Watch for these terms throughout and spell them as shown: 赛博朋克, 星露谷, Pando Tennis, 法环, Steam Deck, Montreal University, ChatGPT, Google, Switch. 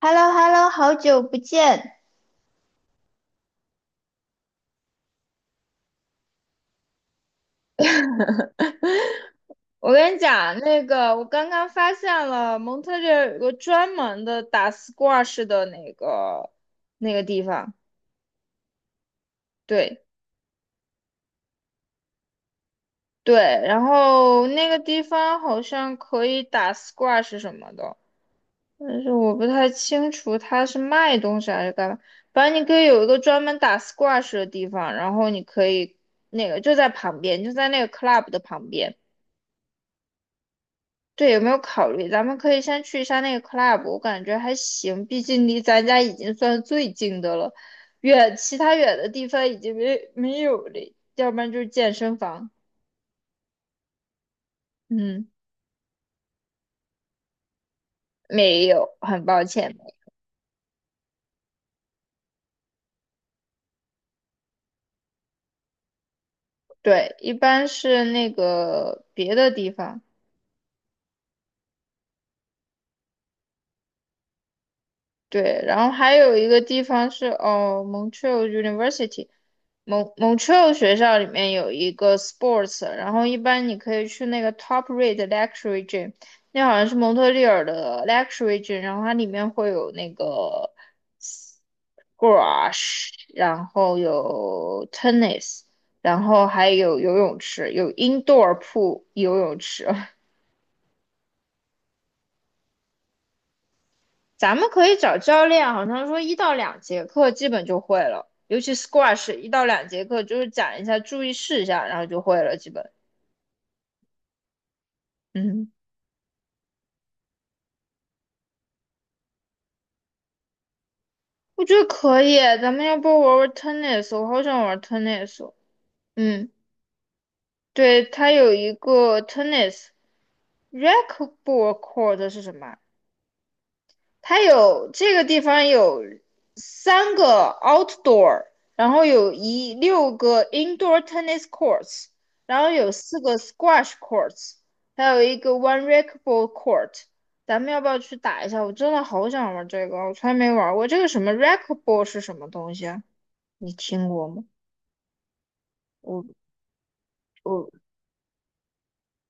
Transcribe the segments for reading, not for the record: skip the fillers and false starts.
h e l l o h e l l o 好久不见。我跟你讲，那个我刚刚发现了蒙特利尔有个专门的打 squash 的那个地方，对对，然后那个地方好像可以打 squash 什么的，但是我不太清楚它是卖东西还是干嘛。反正你可以有一个专门打 squash 的地方，然后你可以那个就在旁边，就在那个 club 的旁边。对，有没有考虑？咱们可以先去一下那个 club，我感觉还行，毕竟离咱家已经算最近的了，远其他远的地方已经没有了，要不然就是健身房。嗯，没有，很抱歉，没有对，一般是那个别的地方。对，然后还有一个地方是哦，Montreal University，蒙特利尔学校里面有一个 sports，然后一般你可以去那个 top rate luxury gym，那好像是蒙特利尔的 luxury gym，然后它里面会有那个 GQRASH 然后有 tennis，然后还有游泳池，有 indoor pool 游泳池，咱们可以找教练，好像说一到两节课基本就会了，尤其 squash 一到两节课就是讲一下注意事项，然后就会了，基本。嗯，我觉得可以，咱们要不玩玩 tennis？我好想玩 tennis 哦嗯，对，它有一个 tennis racquetball court 是什么啊？它有这个地方有三个 outdoor，然后有16个 indoor tennis courts，然后有四个 squash courts，还有一个 one racquetball court。咱们要不要去打一下？我真的好想玩这个，我从来没玩过。这个什么 racquetball 是什么东西啊？你听过吗我我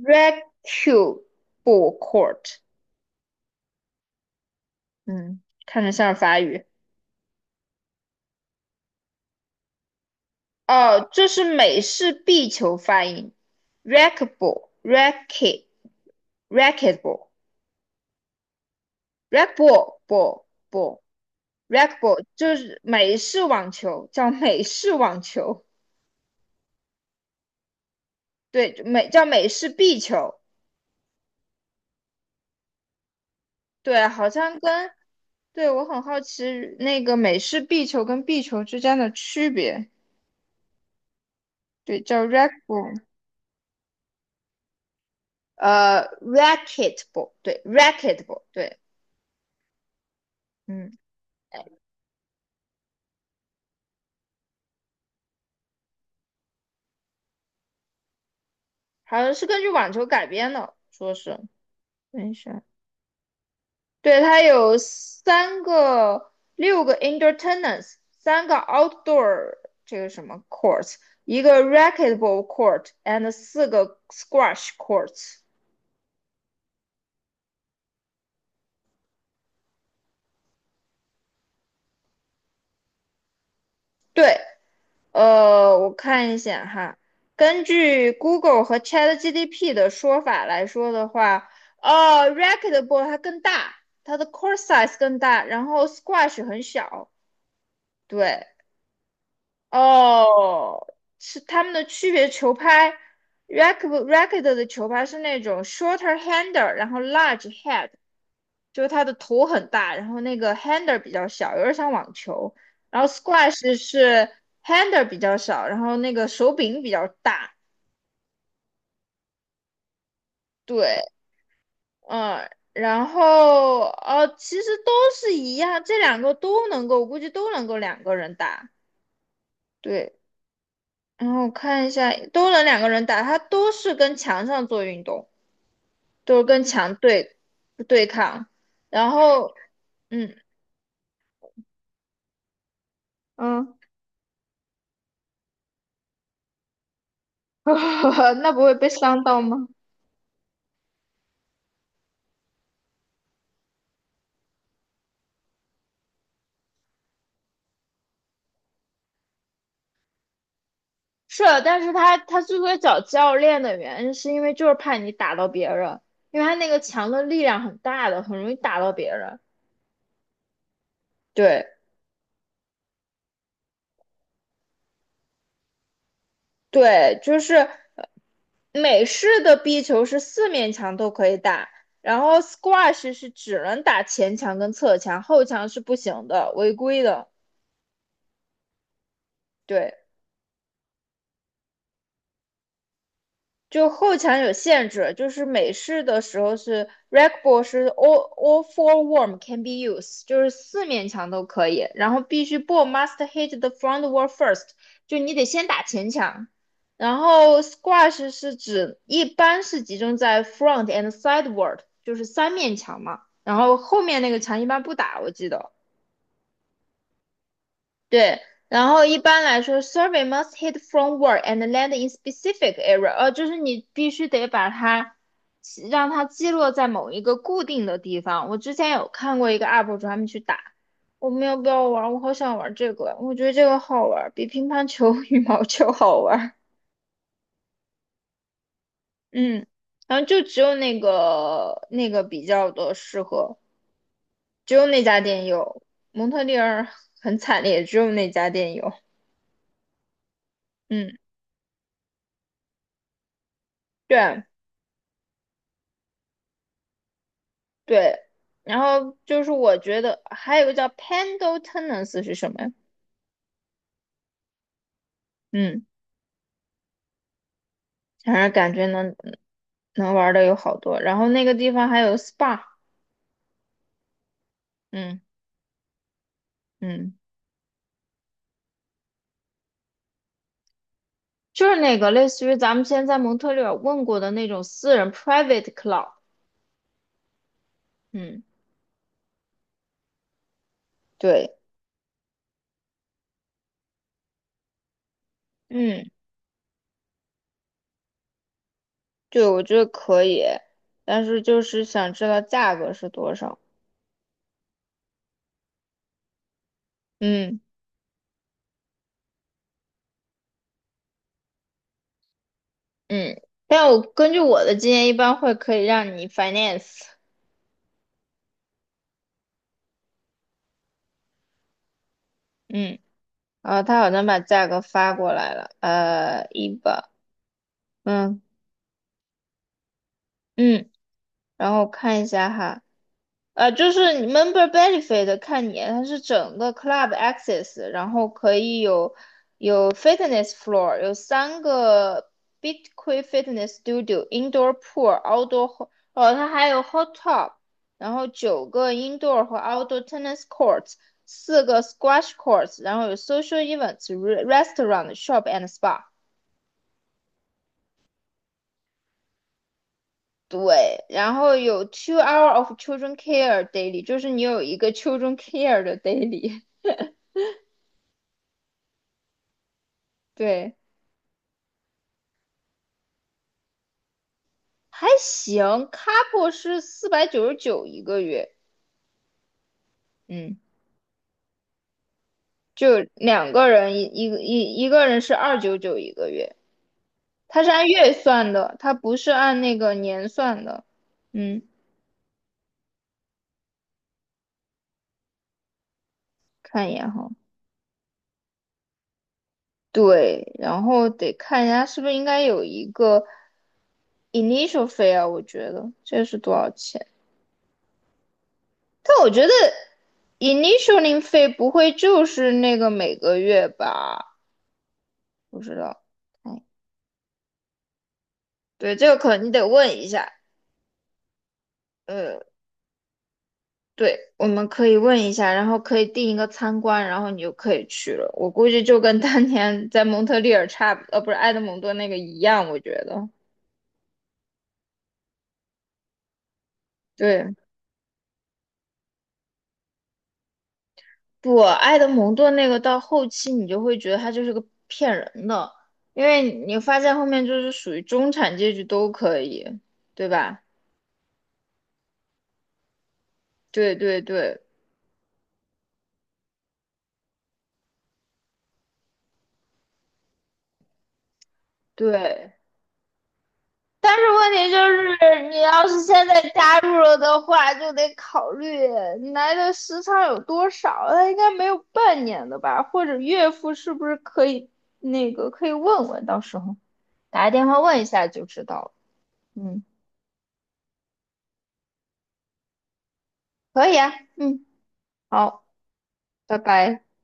？racquetball court，嗯，看着像是法语。哦，这是美式壁球发音，racquetball racket racquetball racquetball ball racquetball 就是美式网球，叫美式网球，对，叫美式壁球，对，好像跟对我很好奇那个美式壁球跟壁球之间的区别，对，叫 racquetball，racquetball 对，racquetball 对，嗯，哎好像是根据网球改编的，说是。等一下。对，它有三个、六个 entertainments 三个 outdoor 这个什么 court，s 一个 racquetball court and 四个 squash courts。对，我看一下哈，根据 Google 和 ChatGPT 的说法来说的话，racquetball 它更大，它的 court size 更大，然后 squash 很小。对，哦，是他们的区别球拍，racket 的球拍是那种 shorter hander，然后 large head，就是它的头很大，然后那个 hander 比较小，有点像网球。然后 squash 是 hander 比较小，然后那个手柄比较大。对，嗯，然后其实都是一样，这两个都能够，我估计都能够两个人打。对，然后我看一下，都能两个人打，它都是跟墙上做运动。就是跟墙对抗，然后嗯嗯，那不会被伤到吗？是，但是他之所以找教练的原因，是因为就是怕你打到别人，因为他那个墙的力量很大的，很容易打到别人。对对，就是美式的壁球是四面墙都可以打，然后 squash 是只能打前墙跟侧墙，后墙是不行的，违规的。对。就后墙有限制，就是美式的时候是 rec ball 是 all four warm can be used，就是四面墙都可以，然后必须 ball must hit the front wall first，就你得先打前墙。然后 squash 是指一般是集中在 front and sideward，就是三面墙嘛，然后后面那个墙一般不打，我记得。对，然后一般来说，survey must hit from word and land in specific area，就是你必须得把它让它击落在某一个固定的地方。我之前有看过一个 UP 主他们去打，我们要不要玩？我好想玩这个，我觉得这个好玩，比乒乓球、羽毛球好玩。嗯，然后就只有那个比较的适合，只有那家店有，蒙特利尔很惨烈，只有那家店有。嗯，对。对，然后就是我觉得还有个叫 Pando Tennis 是什么呀？嗯，反正感觉能玩的有好多。然后那个地方还有 SPA，嗯嗯，就是那个类似于咱们现在蒙特利尔问过的那种私人 private club，嗯，对，嗯，对，我觉得可以，但是就是想知道价格是多少，嗯嗯，但我根据我的经验，一般会可以让你 finance，嗯。啊，他好像把价格发过来了，一吧，嗯嗯，然后看一下哈，就是 member benefit 看你，它是整个 club access，然后可以有 fitness floor，有三个 BITQUIN fitness studio、indoor pool、outdoor，哦，它还有 hot tub，然后九个 indoor 和 outdoor tennis courts，四个 squash courts，然后有 social events、restaurant、shop and spa。对，然后有 two hour of children care daily，就是你有一个 children care 的 daily，对，还行。couple 是499一个月，嗯，就两个人一个人是299一个月，它是按月算的，它不是按那个年算的。嗯，看一眼哈，对，然后得看一下是不是应该有一个 initial fee 啊，我觉得这是多少钱。但我觉得 initialing 费不会就是那个每个月吧？不知道，哎，对，这个可能你得问一下。呃，对，我们可以问一下，然后可以定一个参观，然后你就可以去了。我估计就跟当年在蒙特利尔差不，呃，不是埃德蒙顿那个一样，我觉得。对，不，埃德蒙顿那个到后期你就会觉得他就是个骗人的，因为你发现后面就是属于中产阶级都可以，对吧？对对对，对，但是问题就是，你要是现在加入了的话，就得考虑你来的时长有多少。他应该没有半年的吧？或者岳父是不是可以那个可以问问，到时候打个电话问一下就知道了。嗯，可以啊。嗯，好，拜拜。